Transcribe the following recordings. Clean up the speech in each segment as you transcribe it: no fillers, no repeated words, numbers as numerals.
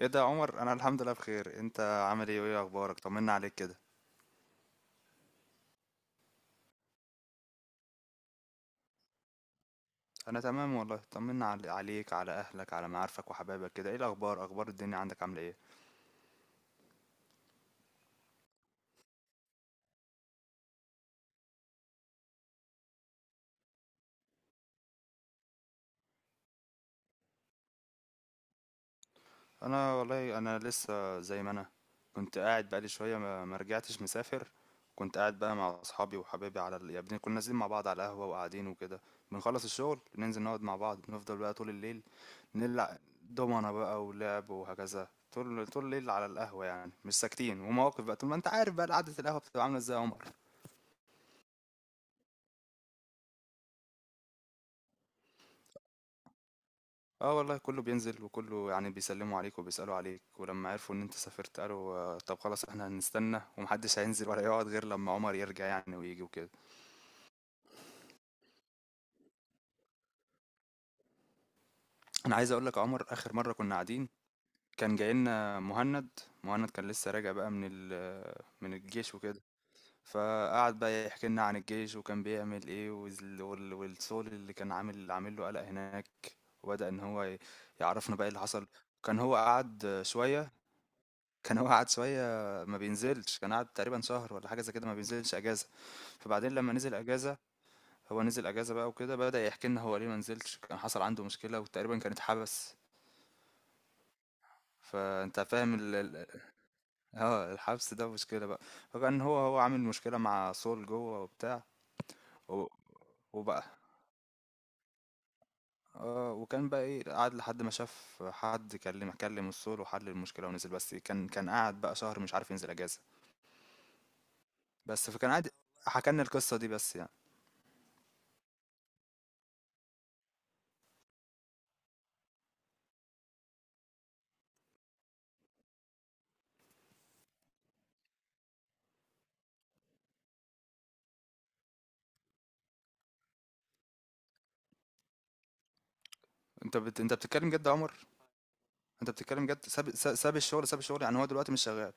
ايه ده يا عمر؟ انا الحمد لله بخير، انت عامل ايه وايه اخبارك؟ طمنا عليك كده. انا تمام والله، طمنا عليك، على اهلك، على معارفك وحبايبك كده. ايه الاخبار؟ اخبار الدنيا عندك عامله ايه؟ انا والله لسه زي ما انا. كنت قاعد بقالي شويه، ما رجعتش، مسافر. كنت قاعد بقى مع اصحابي وحبايبي يعني كنا نازلين مع بعض على القهوه وقاعدين وكده. بنخلص الشغل ننزل نقعد مع بعض، بنفضل بقى طول الليل، نلعب دومنا بقى ولعب وهكذا طول طول الليل على القهوه، يعني مش ساكتين ومواقف بقى طول ما انت عارف بقى، قعده القهوه بتبقى عامله ازاي يا عمر؟ آه والله، كله بينزل وكله يعني بيسلموا عليك وبيسألوا عليك، ولما عرفوا إن أنت سافرت قالوا آه، طب خلاص، إحنا هنستنى، ومحدش هينزل ولا يقعد غير لما عمر يرجع يعني ويجي وكده. أنا عايز أقول لك عمر، آخر مرة كنا قاعدين، كان جاي لنا مهند. مهند كان لسه راجع بقى من الجيش وكده، فقعد بقى يحكي لنا عن الجيش وكان بيعمل إيه، والصول اللي كان عامل له قلق هناك، وبدأ إن هو يعرفنا بقى إيه اللي حصل. كان هو قعد شوية كان هو قعد شوية ما بينزلش، كان قعد تقريبًا شهر والّا حاجة زي كده، ما بينزلش أجازة، فبعدين لمّا نزل أجازة، هو نزل أجازة بقى وكده، بدأ يحكي لنا هو ليه ما نزلش، كان حصل عنده مشكلة وتقريبًا كان اتحبس، فأنت فاهم ال ال آه، الحبس ده مشكلة بقى، فكان هو عامل مشكلة مع سول جوّه وبتاع، و وبقى آه، وكان بقى إيه، قعد لحد ما شاف حد كلم السول وحل المشكلة ونزل، بس كان قعد بقى شهر مش عارف ينزل أجازة، بس فكان قاعد حكى لنا القصة دي بس يعني. انت بتتكلم جد يا عمر؟ انت بتتكلم جد، ساب الشغل يعني؟ هو دلوقتي مش شغال؟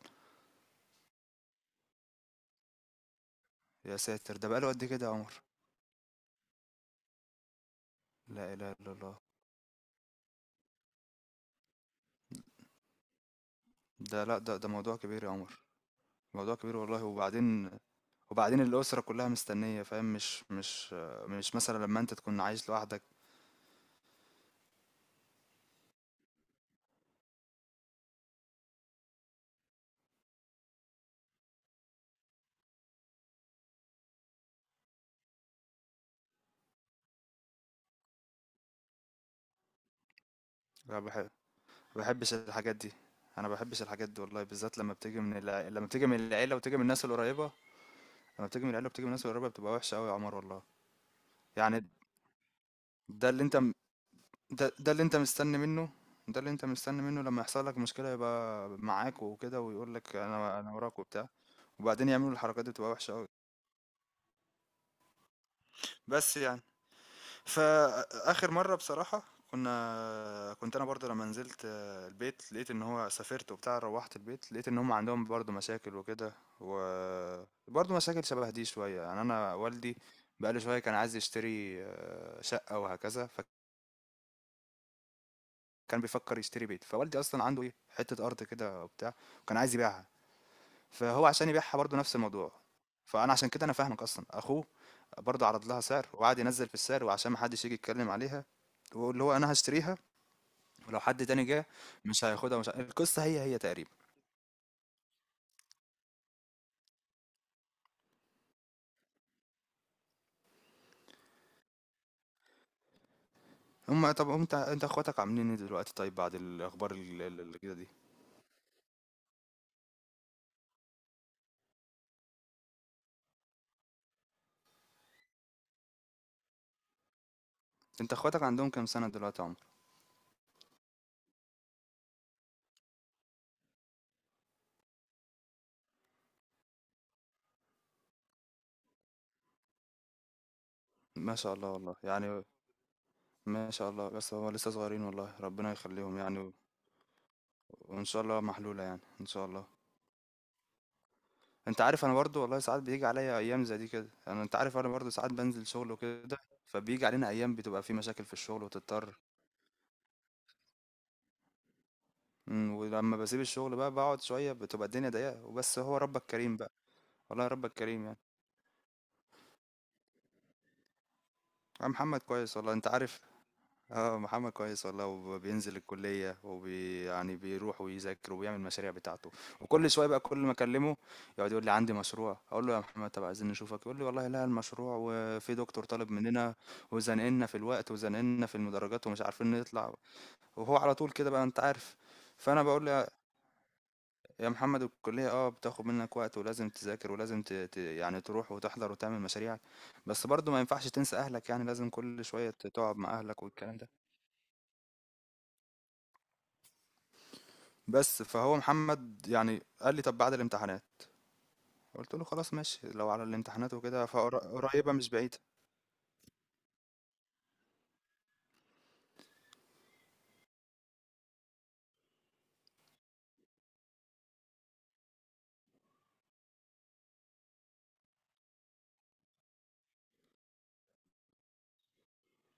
يا ساتر، ده بقاله قد كده يا عمر؟ لا اله الا الله. لا، ده موضوع كبير يا عمر، موضوع كبير والله. وبعدين الأسرة كلها مستنية، فاهم؟ مش مثلا لما انت تكون عايش لوحدك. لا، بحبش الحاجات دي، انا بحبش الحاجات دي والله، بالذات لما بتيجي لما بتيجي من العيلة وتيجي من الناس القريبة، لما بتيجي من العيلة وبتيجي من الناس القريبة بتبقى وحشة قوي يا عمر والله. يعني ده اللي انت ده ده اللي انت مستني منه، ده اللي انت مستني منه لما يحصل لك مشكلة يبقى معاك وكده، ويقول لك انا وراك وبتاع، وبعدين يعملوا الحركات دي، بتبقى وحشة قوي. بس يعني، فاخر مرة بصراحة، كنت انا برضه لما نزلت البيت، لقيت ان هو سافرت وبتاع، روحت البيت لقيت ان هم عندهم برضه مشاكل وكده، وبرضه مشاكل شبه دي شوية، يعني انا والدي بقاله شوية كان عايز يشتري شقة وهكذا، كان بيفكر يشتري بيت. فوالدي اصلا عنده ايه، حته ارض كده وبتاع، وكان عايز يبيعها، فهو عشان يبيعها برضه نفس الموضوع، فانا عشان كده انا فاهمك. اصلا اخوه برضه عرض لها سعر وقعد ينزل في السعر وعشان ما حدش يجي يتكلم عليها، واللي هو انا هشتريها، ولو حد تاني جه مش هياخدها، مش ه... القصه هي هي تقريبا. هم طب، انت اخواتك عاملين ايه دلوقتي، طيب، بعد الاخبار اللي كده دي؟ انت اخواتك عندهم كام سنه دلوقتي يا عمر؟ ما شاء الله والله، يعني ما شاء الله، بس هو لسه صغيرين والله، ربنا يخليهم يعني، وان شاء الله محلولة يعني ان شاء الله. انت عارف انا برضو والله، ساعات بيجي عليا ايام زي دي كده، انا انت عارف انا برضو ساعات بنزل شغل وكده، فبيجي علينا ايام بتبقى في مشاكل في الشغل وتضطر. ولما بسيب الشغل بقى بقعد شوية بتبقى الدنيا ضيقة، وبس هو ربك كريم بقى، والله ربك كريم يعني. يا محمد كويس والله انت عارف، آه محمد كويس والله، وبينزل الكلية يعني بيروح ويذاكر وبيعمل المشاريع بتاعته، وكل شوية بقى كل ما أكلمه يقعد يقول لي عندي مشروع، أقول له يا محمد طب عايزين نشوفك، يقول لي والله لا المشروع وفي دكتور طالب مننا وزنقلنا في الوقت وزنقلنا في المدرجات ومش عارفين نطلع، وهو على طول كده بقى أنت عارف. فأنا بقول له يا محمد، الكلية بتاخد منك وقت ولازم تذاكر ولازم يعني تروح وتحضر وتعمل مشاريعك، بس برضه ما ينفعش تنسى أهلك يعني، لازم كل شوية تقعد مع أهلك والكلام ده. بس فهو محمد يعني قال لي طب بعد الامتحانات، قلت له خلاص ماشي، لو على الامتحانات وكده فقريبة مش بعيدة.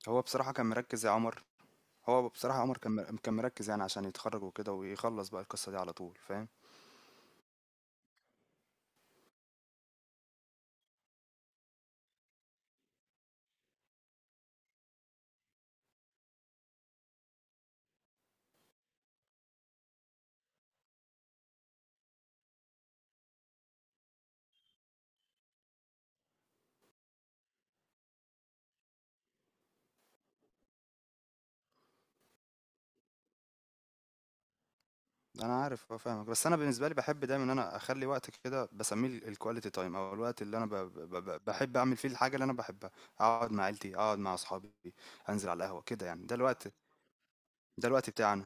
هو بصراحة كان مركز يا عمر، هو بصراحة عمر كان كان مركز يعني عشان يتخرج وكده ويخلص بقى القصة دي على طول، فاهم؟ انا عارف فاهمك، بس انا بالنسبة لي بحب دايما ان انا اخلي وقت كده بسميه الكواليتي تايم، او الوقت اللي انا بحب اعمل فيه الحاجة اللي انا بحبها، اقعد مع عيلتي، اقعد مع اصحابي، انزل على القهوة كده، يعني ده الوقت بتاعنا.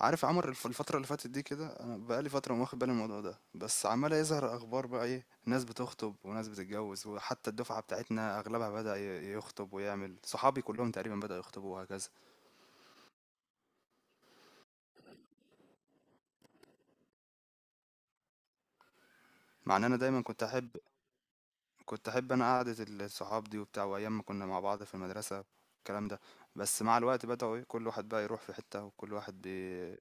عارف عمر الفترة اللي فاتت دي كده، انا بقالي فترة ما واخد بالي من الموضوع ده، بس عمال يظهر اخبار بقى، ايه، ناس بتخطب وناس بتتجوز، وحتى الدفعة بتاعتنا اغلبها بدأ يخطب ويعمل، صحابي كلهم تقريبا بدأوا يخطبوا وهكذا، مع ان انا دايما كنت احب انا قعدة الصحاب دي وبتاع، وايام ما كنا مع بعض في المدرسة الكلام ده، بس مع الوقت بدأوا ايه، كل واحد بقى يروح في حتة، وكل واحد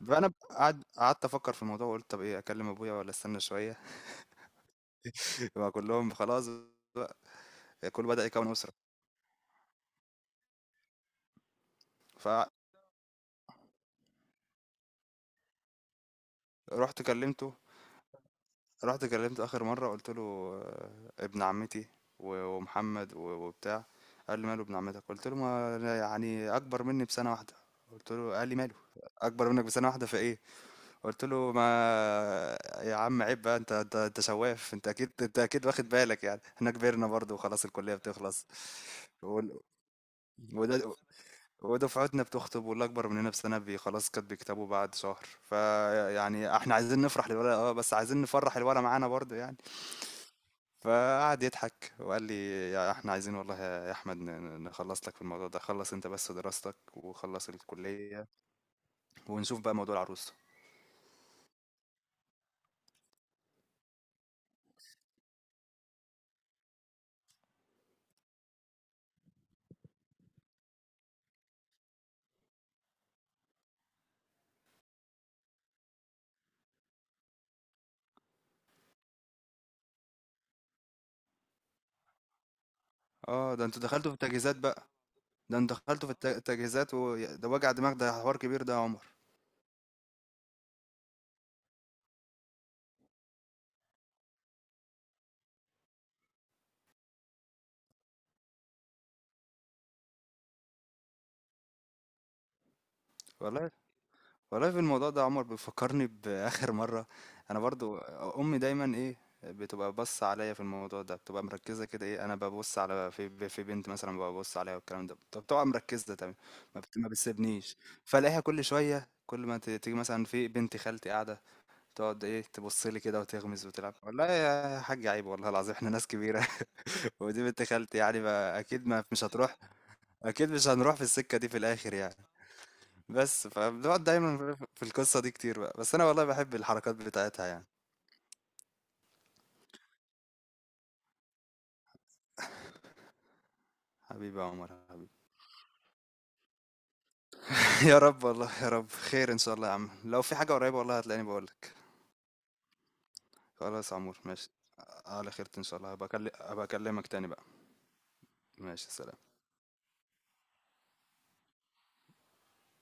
بقى. انا قعدت افكر في الموضوع وقلت طب ايه، اكلم ابويا ولا استنى شوية؟ يبقى كلهم خلاص بقى، كل بدأ يكون أسرة، ف رُحت كلّمته. رُحت كلّمته آخر مرّة، قُلت له ابن عمّتي ومحمد وبتاع، قال لي: "ماله ابن عمّتك؟" قُلت له: "ما أنا يعني أكبر منّي بسَنة واحدة." قُلت له قال لي: "ماله، أكبر منّك بسَنة واحدة في إيه؟" قُلت له: "ما يا عم عيب بقى، أنت سواف، أنت أكيد واخد بالك يعني، إحنا كبرنا برضه وخلاص الكلّية بتخلص." وال ي وده ودفعتنا بتخطب، واللي اكبر مننا بسنه خلاص كانت بيكتبوا بعد شهر، فيعني احنا عايزين نفرح للولد، بس عايزين نفرح الولد معانا برضه يعني. فقعد يضحك وقال لي يا احنا عايزين والله يا احمد نخلص لك في الموضوع ده، خلص انت بس دراستك وخلص الكليه، ونشوف بقى موضوع العروسه. اه، ده انتوا دخلتوا في التجهيزات بقى؟ ده انتوا دخلتوا في التجهيزات، وده وجع دماغ، ده حوار كبير ده يا عمر. والله والله، في الموضوع ده يا عمر بيفكرني بآخر مرة، أنا برضو أمي دايما إيه، بتبقى بص عليا في الموضوع ده، بتبقى مركزة كده، إيه، أنا ببص على في بنت مثلا، ببص عليها والكلام ده طب، بتبقى مركزة تمام، ما بتسيبنيش، فألاقيها كل شوية كل ما تيجي مثلا في بنت خالتي قاعدة، تقعد إيه، تبص لي كده وتغمز وتلعب، والله يا حاج عيب، والله العظيم إحنا ناس كبيرة. ودي بنت خالتي يعني، ما أكيد ما مش هتروح، أكيد مش هنروح في السكة دي في الآخر يعني. بس فبنقعد دايما في القصة دي كتير بقى، بس انا والله بحب الحركات بتاعتها يعني. حبيبي يا عمر، حبيبي. يا رب، والله يا رب خير ان شاء الله، يا عم لو في حاجة قريبة والله هتلاقيني بقولك. خلاص يا عمور، ماشي، على خيرة ان شاء الله، هبقى اكلمك تاني بقى. ماشي سلام.